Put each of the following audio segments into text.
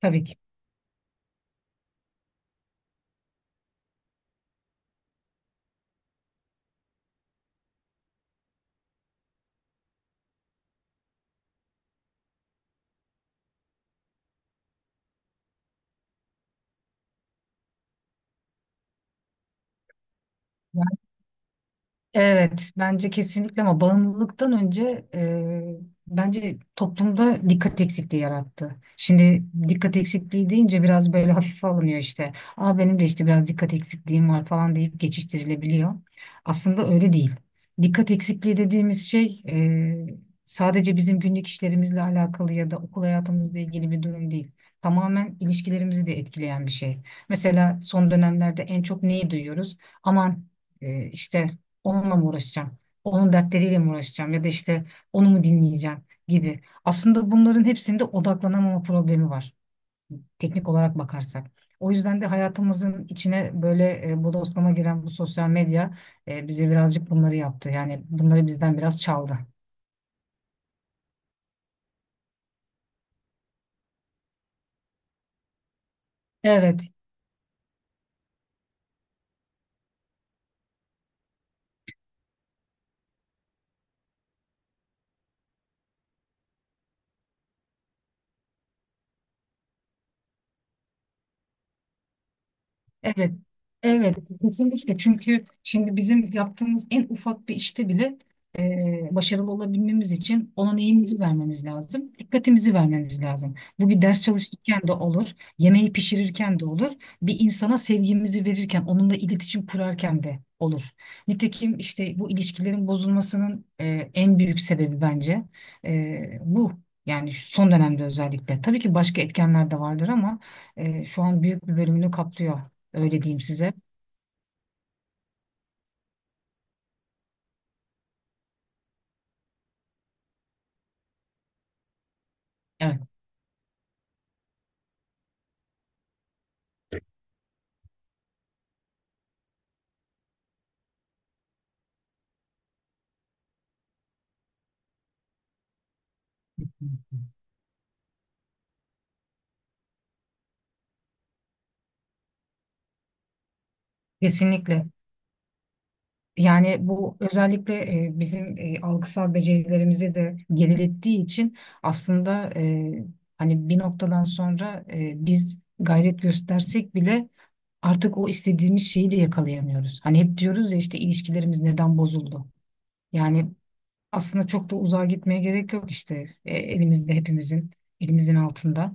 Tabii ki. Evet, bence kesinlikle ama bağımlılıktan önce bence toplumda dikkat eksikliği yarattı. Şimdi dikkat eksikliği deyince biraz böyle hafife alınıyor işte. Aa benim de işte biraz dikkat eksikliğim var falan deyip geçiştirilebiliyor. Aslında öyle değil. Dikkat eksikliği dediğimiz şey sadece bizim günlük işlerimizle alakalı ya da okul hayatımızla ilgili bir durum değil. Tamamen ilişkilerimizi de etkileyen bir şey. Mesela son dönemlerde en çok neyi duyuyoruz? Aman işte onunla mı uğraşacağım? Onun dertleriyle mi uğraşacağım? Ya da işte onu mu dinleyeceğim gibi. Aslında bunların hepsinde odaklanamama problemi var. Teknik olarak bakarsak. O yüzden de hayatımızın içine böyle bodoslama giren bu sosyal medya bize birazcık bunları yaptı. Yani bunları bizden biraz çaldı. Evet, evet, evet, kesinlikle çünkü şimdi bizim yaptığımız en ufak bir işte bile e, başarılı olabilmemiz için ona neyimizi vermemiz lazım, dikkatimizi vermemiz lazım. Bu bir ders çalışırken de olur, yemeği pişirirken de olur, bir insana sevgimizi verirken, onunla iletişim kurarken de olur. Nitekim işte bu ilişkilerin bozulmasının en büyük sebebi bence bu. Yani şu son dönemde özellikle. Tabii ki başka etkenler de vardır ama şu an büyük bir bölümünü kaplıyor. Öyle diyeyim size. Evet. Kesinlikle. Yani bu özellikle bizim algısal becerilerimizi de gerilettiği için aslında hani bir noktadan sonra biz gayret göstersek bile artık o istediğimiz şeyi de yakalayamıyoruz. Hani hep diyoruz ya işte ilişkilerimiz neden bozuldu? Yani aslında çok da uzağa gitmeye gerek yok işte, elimizde hepimizin elimizin altında,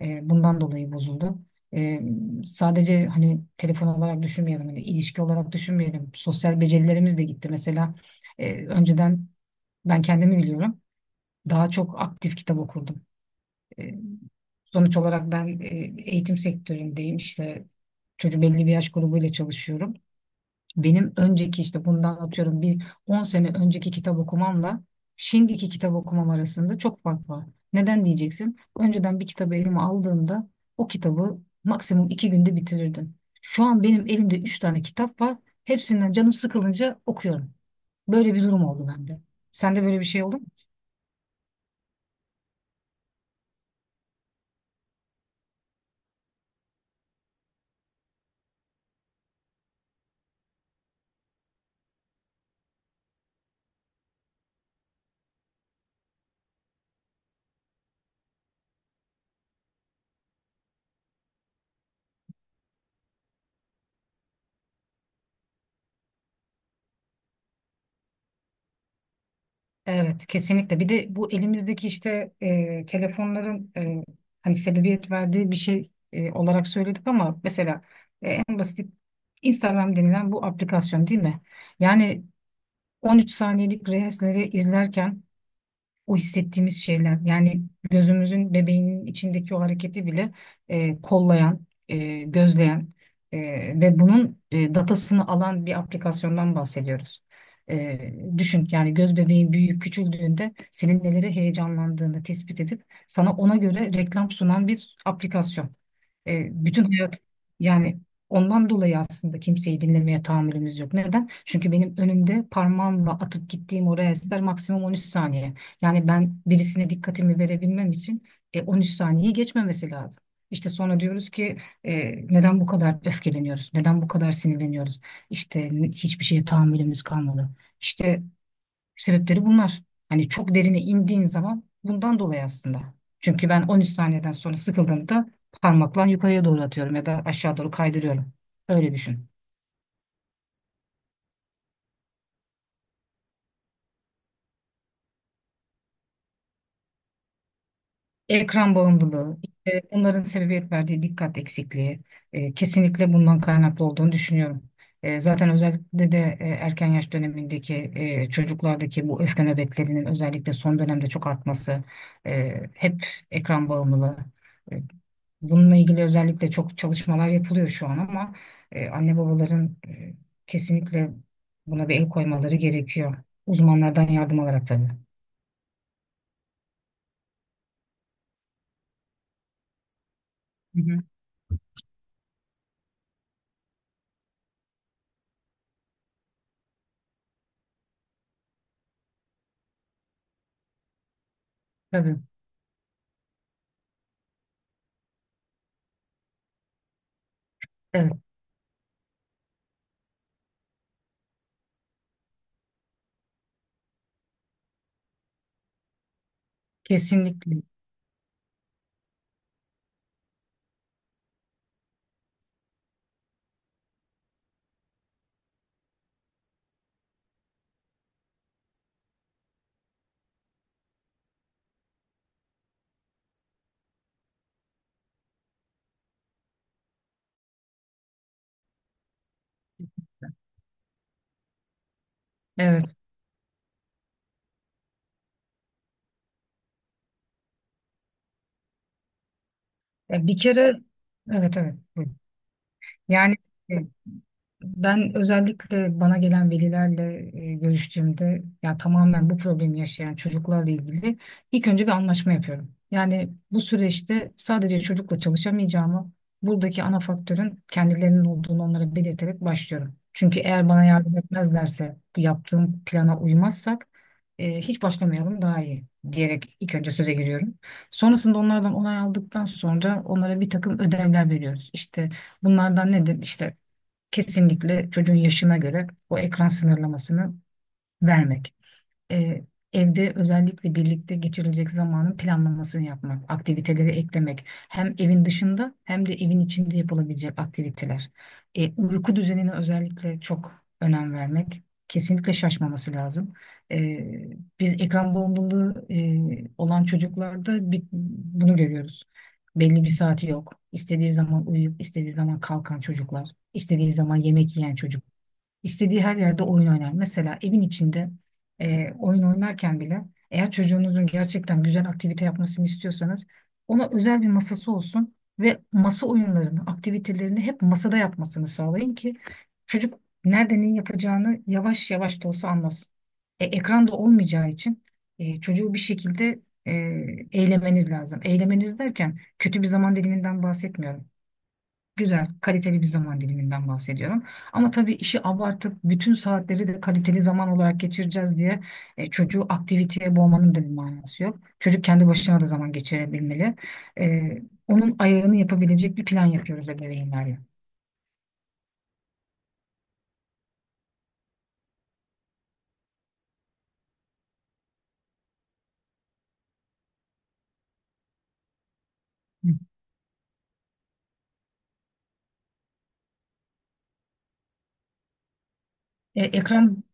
Bundan dolayı bozuldu. E, sadece hani telefon olarak düşünmeyelim hani ilişki olarak düşünmeyelim, sosyal becerilerimiz de gitti mesela. Önceden ben kendimi biliyorum, daha çok aktif kitap okurdum. E, sonuç olarak ben eğitim sektöründeyim işte, çocuk belli bir yaş grubuyla çalışıyorum. Benim önceki işte bundan atıyorum bir 10 sene önceki kitap okumamla şimdiki kitap okumam arasında çok fark var. Neden diyeceksin? Önceden bir kitabı elime aldığımda o kitabı maksimum iki günde bitirirdim. Şu an benim elimde üç tane kitap var. Hepsinden canım sıkılınca okuyorum. Böyle bir durum oldu bende. Sende böyle bir şey oldu mu? Evet, kesinlikle. Bir de bu elimizdeki işte telefonların hani sebebiyet verdiği bir şey olarak söyledik ama mesela en basit Instagram denilen bu aplikasyon değil mi? Yani 13 saniyelik reelsleri izlerken o hissettiğimiz şeyler yani gözümüzün bebeğinin içindeki o hareketi bile kollayan, gözleyen, ve bunun datasını alan bir aplikasyondan bahsediyoruz. E, düşün yani, göz bebeğin büyüyüp küçüldüğünde senin neleri heyecanlandığını tespit edip sana ona göre reklam sunan bir aplikasyon. Bütün hayat yani, ondan dolayı aslında kimseyi dinlemeye tahammülümüz yok. Neden? Çünkü benim önümde parmağımla atıp gittiğim o reelsler maksimum 13 saniye. Yani ben birisine dikkatimi verebilmem için 13 saniyeyi geçmemesi lazım. İşte sonra diyoruz ki neden bu kadar öfkeleniyoruz? Neden bu kadar sinirleniyoruz? İşte hiçbir şeye tahammülümüz kalmadı. İşte sebepleri bunlar. Hani çok derine indiğin zaman bundan dolayı aslında. Çünkü ben 13 saniyeden sonra sıkıldığımda parmakla yukarıya doğru atıyorum ya da aşağı doğru kaydırıyorum. Öyle düşün. Ekran bağımlılığı, işte onların sebebiyet verdiği dikkat eksikliği, kesinlikle bundan kaynaklı olduğunu düşünüyorum. Zaten özellikle de erken yaş dönemindeki çocuklardaki bu öfke nöbetlerinin özellikle son dönemde çok artması, hep ekran bağımlılığı. E, bununla ilgili özellikle çok çalışmalar yapılıyor şu an ama anne babaların kesinlikle buna bir el koymaları gerekiyor. Uzmanlardan yardım alarak tabii. Hı hı. Tabii, evet, kesinlikle. Evet. Ya bir kere evet evet. Buyurun. Yani e, ben özellikle bana gelen velilerle görüştüğümde, ya tamamen bu problemi yaşayan çocuklarla ilgili ilk önce bir anlaşma yapıyorum. Yani bu süreçte sadece çocukla çalışamayacağımı, buradaki ana faktörün kendilerinin olduğunu onlara belirterek başlıyorum. Çünkü eğer bana yardım etmezlerse, bu yaptığım plana uymazsak hiç başlamayalım daha iyi diyerek ilk önce söze giriyorum. Sonrasında onlardan onay aldıktan sonra onlara bir takım ödevler veriyoruz. İşte bunlardan nedir? İşte kesinlikle çocuğun yaşına göre o ekran sınırlamasını vermek, e, evde özellikle birlikte geçirilecek zamanın planlamasını yapmak, aktiviteleri eklemek, hem evin dışında hem de evin içinde yapılabilecek aktiviteler. Uyku düzenine özellikle çok önem vermek. Kesinlikle şaşmaması lazım. E, biz ekran bağımlılığı olan çocuklarda bir, bunu görüyoruz. Belli bir saati yok. İstediği zaman uyuyup istediği zaman kalkan çocuklar, istediği zaman yemek yiyen çocuklar. İstediği her yerde oyun oynar. Mesela evin içinde oyun oynarken bile, eğer çocuğunuzun gerçekten güzel aktivite yapmasını istiyorsanız ona özel bir masası olsun ve masa oyunlarını, aktivitelerini hep masada yapmasını sağlayın ki çocuk nerede ne yapacağını yavaş yavaş da olsa anlasın. Ekran da olmayacağı için çocuğu bir şekilde eylemeniz lazım. Eylemeniz derken kötü bir zaman diliminden bahsetmiyorum. Güzel, kaliteli bir zaman diliminden bahsediyorum. Ama tabii işi abartıp bütün saatleri de kaliteli zaman olarak geçireceğiz diye çocuğu aktiviteye boğmanın da bir manası yok. Çocuk kendi başına da zaman geçirebilmeli. E, onun ayarını yapabilecek bir plan yapıyoruz ebeveynlerle. Hı. E, ekran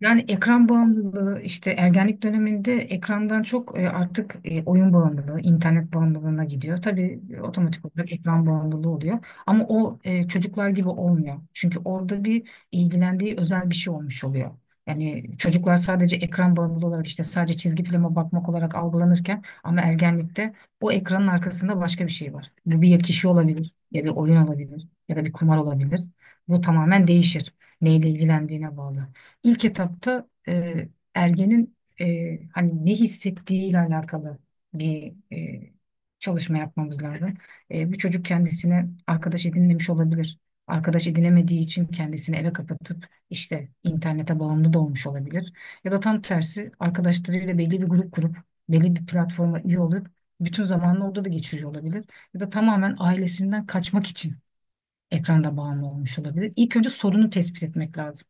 Yani ekran bağımlılığı işte ergenlik döneminde ekrandan çok artık oyun bağımlılığı, internet bağımlılığına gidiyor. Tabii otomatik olarak ekran bağımlılığı oluyor. Ama o çocuklar gibi olmuyor. Çünkü orada bir ilgilendiği özel bir şey olmuş oluyor. Yani çocuklar sadece ekran bağımlılığı olarak işte sadece çizgi filme bakmak olarak algılanırken, ama ergenlikte o ekranın arkasında başka bir şey var. Bu bir kişi olabilir ya bir oyun olabilir ya da bir kumar olabilir. Bu tamamen değişir. Neyle ilgilendiğine bağlı. İlk etapta ergenin hani ne hissettiğiyle alakalı bir çalışma yapmamız lazım. Bu çocuk kendisine arkadaş edinmemiş olabilir. Arkadaş edinemediği için kendisini eve kapatıp işte internete bağımlı da olmuş olabilir. Ya da tam tersi, arkadaşlarıyla belli bir grup kurup belli bir platforma üye olup bütün zamanını orada da geçiriyor olabilir. Ya da tamamen ailesinden kaçmak için ekranda bağımlı olmuş olabilir. İlk önce sorunu tespit etmek lazım.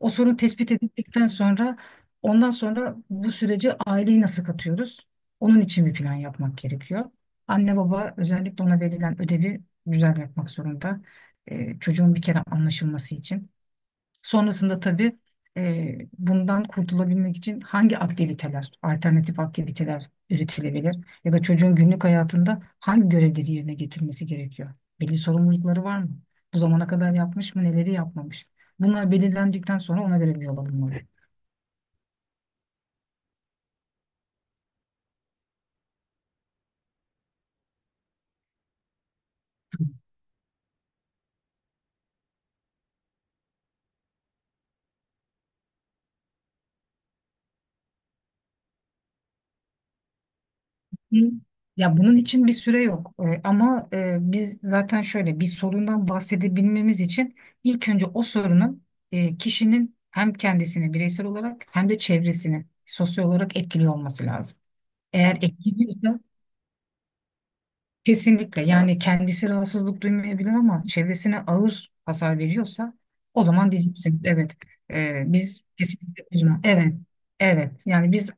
O sorun tespit edildikten sonra ondan sonra bu sürece aileyi nasıl katıyoruz? Onun için bir plan yapmak gerekiyor. Anne baba özellikle ona verilen ödevi güzel yapmak zorunda. Çocuğun bir kere anlaşılması için. Sonrasında tabii bundan kurtulabilmek için hangi aktiviteler, alternatif aktiviteler üretilebilir ya da çocuğun günlük hayatında hangi görevleri yerine getirmesi gerekiyor? Belli sorumlulukları var mı? Bu zamana kadar yapmış mı, neleri yapmamış? Bunlar belirlendikten sonra ona göre bir yol alınmalı. Hı. Ya bunun için bir süre yok. Ama biz zaten şöyle bir sorundan bahsedebilmemiz için ilk önce o sorunun kişinin hem kendisini bireysel olarak hem de çevresini sosyal olarak etkiliyor olması lazım. Eğer etkiliyorsa, kesinlikle. Yani kendisi rahatsızlık duymayabilir ama çevresine ağır hasar veriyorsa o zaman diyeceksin evet. Biz kesinlikle uzman, evet evet, yani biz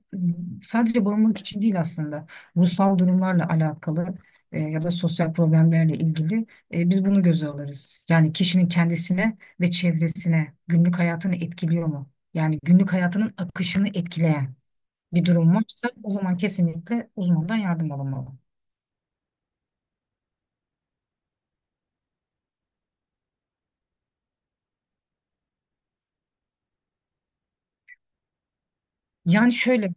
sadece bağımlılık için değil aslında ruhsal durumlarla alakalı ya da sosyal problemlerle ilgili biz bunu göze alırız. Yani kişinin kendisine ve çevresine günlük hayatını etkiliyor mu? Yani günlük hayatının akışını etkileyen bir durum varsa o zaman kesinlikle uzmandan yardım alınmalı. Yani şöyle,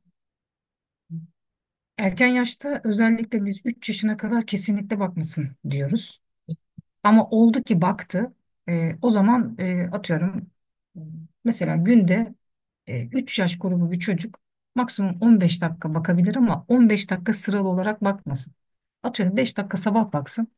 erken yaşta özellikle biz 3 yaşına kadar kesinlikle bakmasın diyoruz. Ama oldu ki baktı. O zaman atıyorum, mesela günde 3 yaş grubu bir çocuk maksimum 15 dakika bakabilir ama 15 dakika sıralı olarak bakmasın. Atıyorum 5 dakika sabah baksın,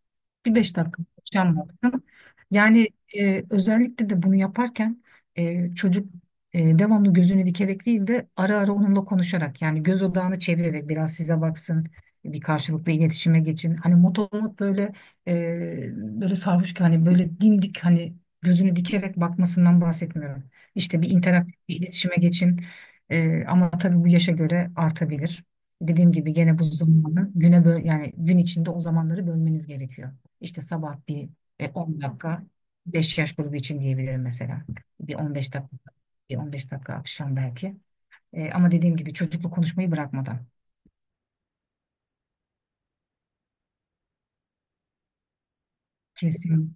bir 5 dakika akşam baksın. Yani özellikle de bunu yaparken çocuk devamlı gözünü dikerek değil de ara ara onunla konuşarak, yani göz odağını çevirerek biraz size baksın, bir karşılıklı iletişime geçin. Hani motomot böyle, böyle sarhoş ki hani, böyle dimdik hani gözünü dikerek bakmasından bahsetmiyorum. İşte bir interaktif bir iletişime geçin. Ama tabii bu yaşa göre artabilir. Dediğim gibi gene bu zamanı güne böl, yani gün içinde o zamanları bölmeniz gerekiyor. İşte sabah bir 10 dakika, 5 yaş grubu için diyebilirim mesela. Bir 15 dakika, bir 15 dakika akşam belki. Ama dediğim gibi çocukla konuşmayı bırakmadan. Kesin.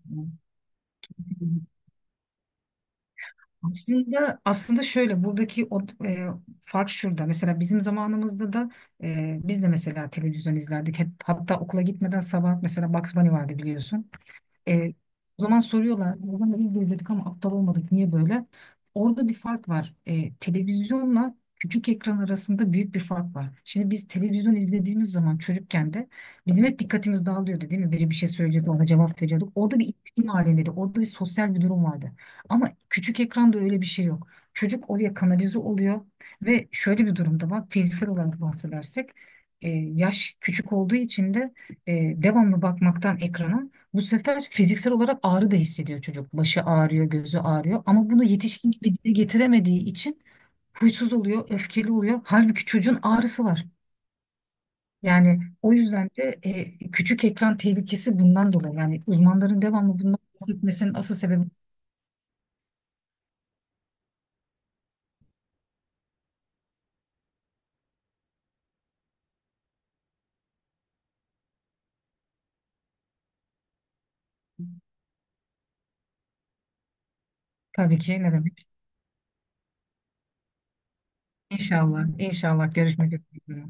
Aslında aslında şöyle, buradaki o fark şurada. Mesela bizim zamanımızda da biz de mesela televizyon izlerdik. Hep, hatta okula gitmeden sabah mesela Bugs Bunny vardı biliyorsun. E, o zaman soruyorlar, o zaman biz de izledik ama aptal olmadık, niye böyle? Orada bir fark var. Televizyonla küçük ekran arasında büyük bir fark var. Şimdi biz televizyon izlediğimiz zaman çocukken de bizim hep dikkatimiz dağılıyordu değil mi? Biri bir şey söylüyordu, ona cevap veriyorduk. Orada bir iletişim halindeydi, orada bir sosyal bir durum vardı. Ama küçük ekranda öyle bir şey yok. Çocuk oraya kanalize oluyor ve şöyle bir durumda var. Fiziksel olarak bahsedersek yaş küçük olduğu için de e, devamlı bakmaktan ekrana bu sefer fiziksel olarak ağrı da hissediyor çocuk. Başı ağrıyor, gözü ağrıyor ama bunu yetişkin gibi dile getiremediği için huysuz oluyor, öfkeli oluyor. Halbuki çocuğun ağrısı var. Yani o yüzden de küçük ekran tehlikesi bundan dolayı. Yani uzmanların devamlı bundan bahsetmesinin asıl sebebi. Tabii ki, ne demek? İnşallah, inşallah görüşmek üzere.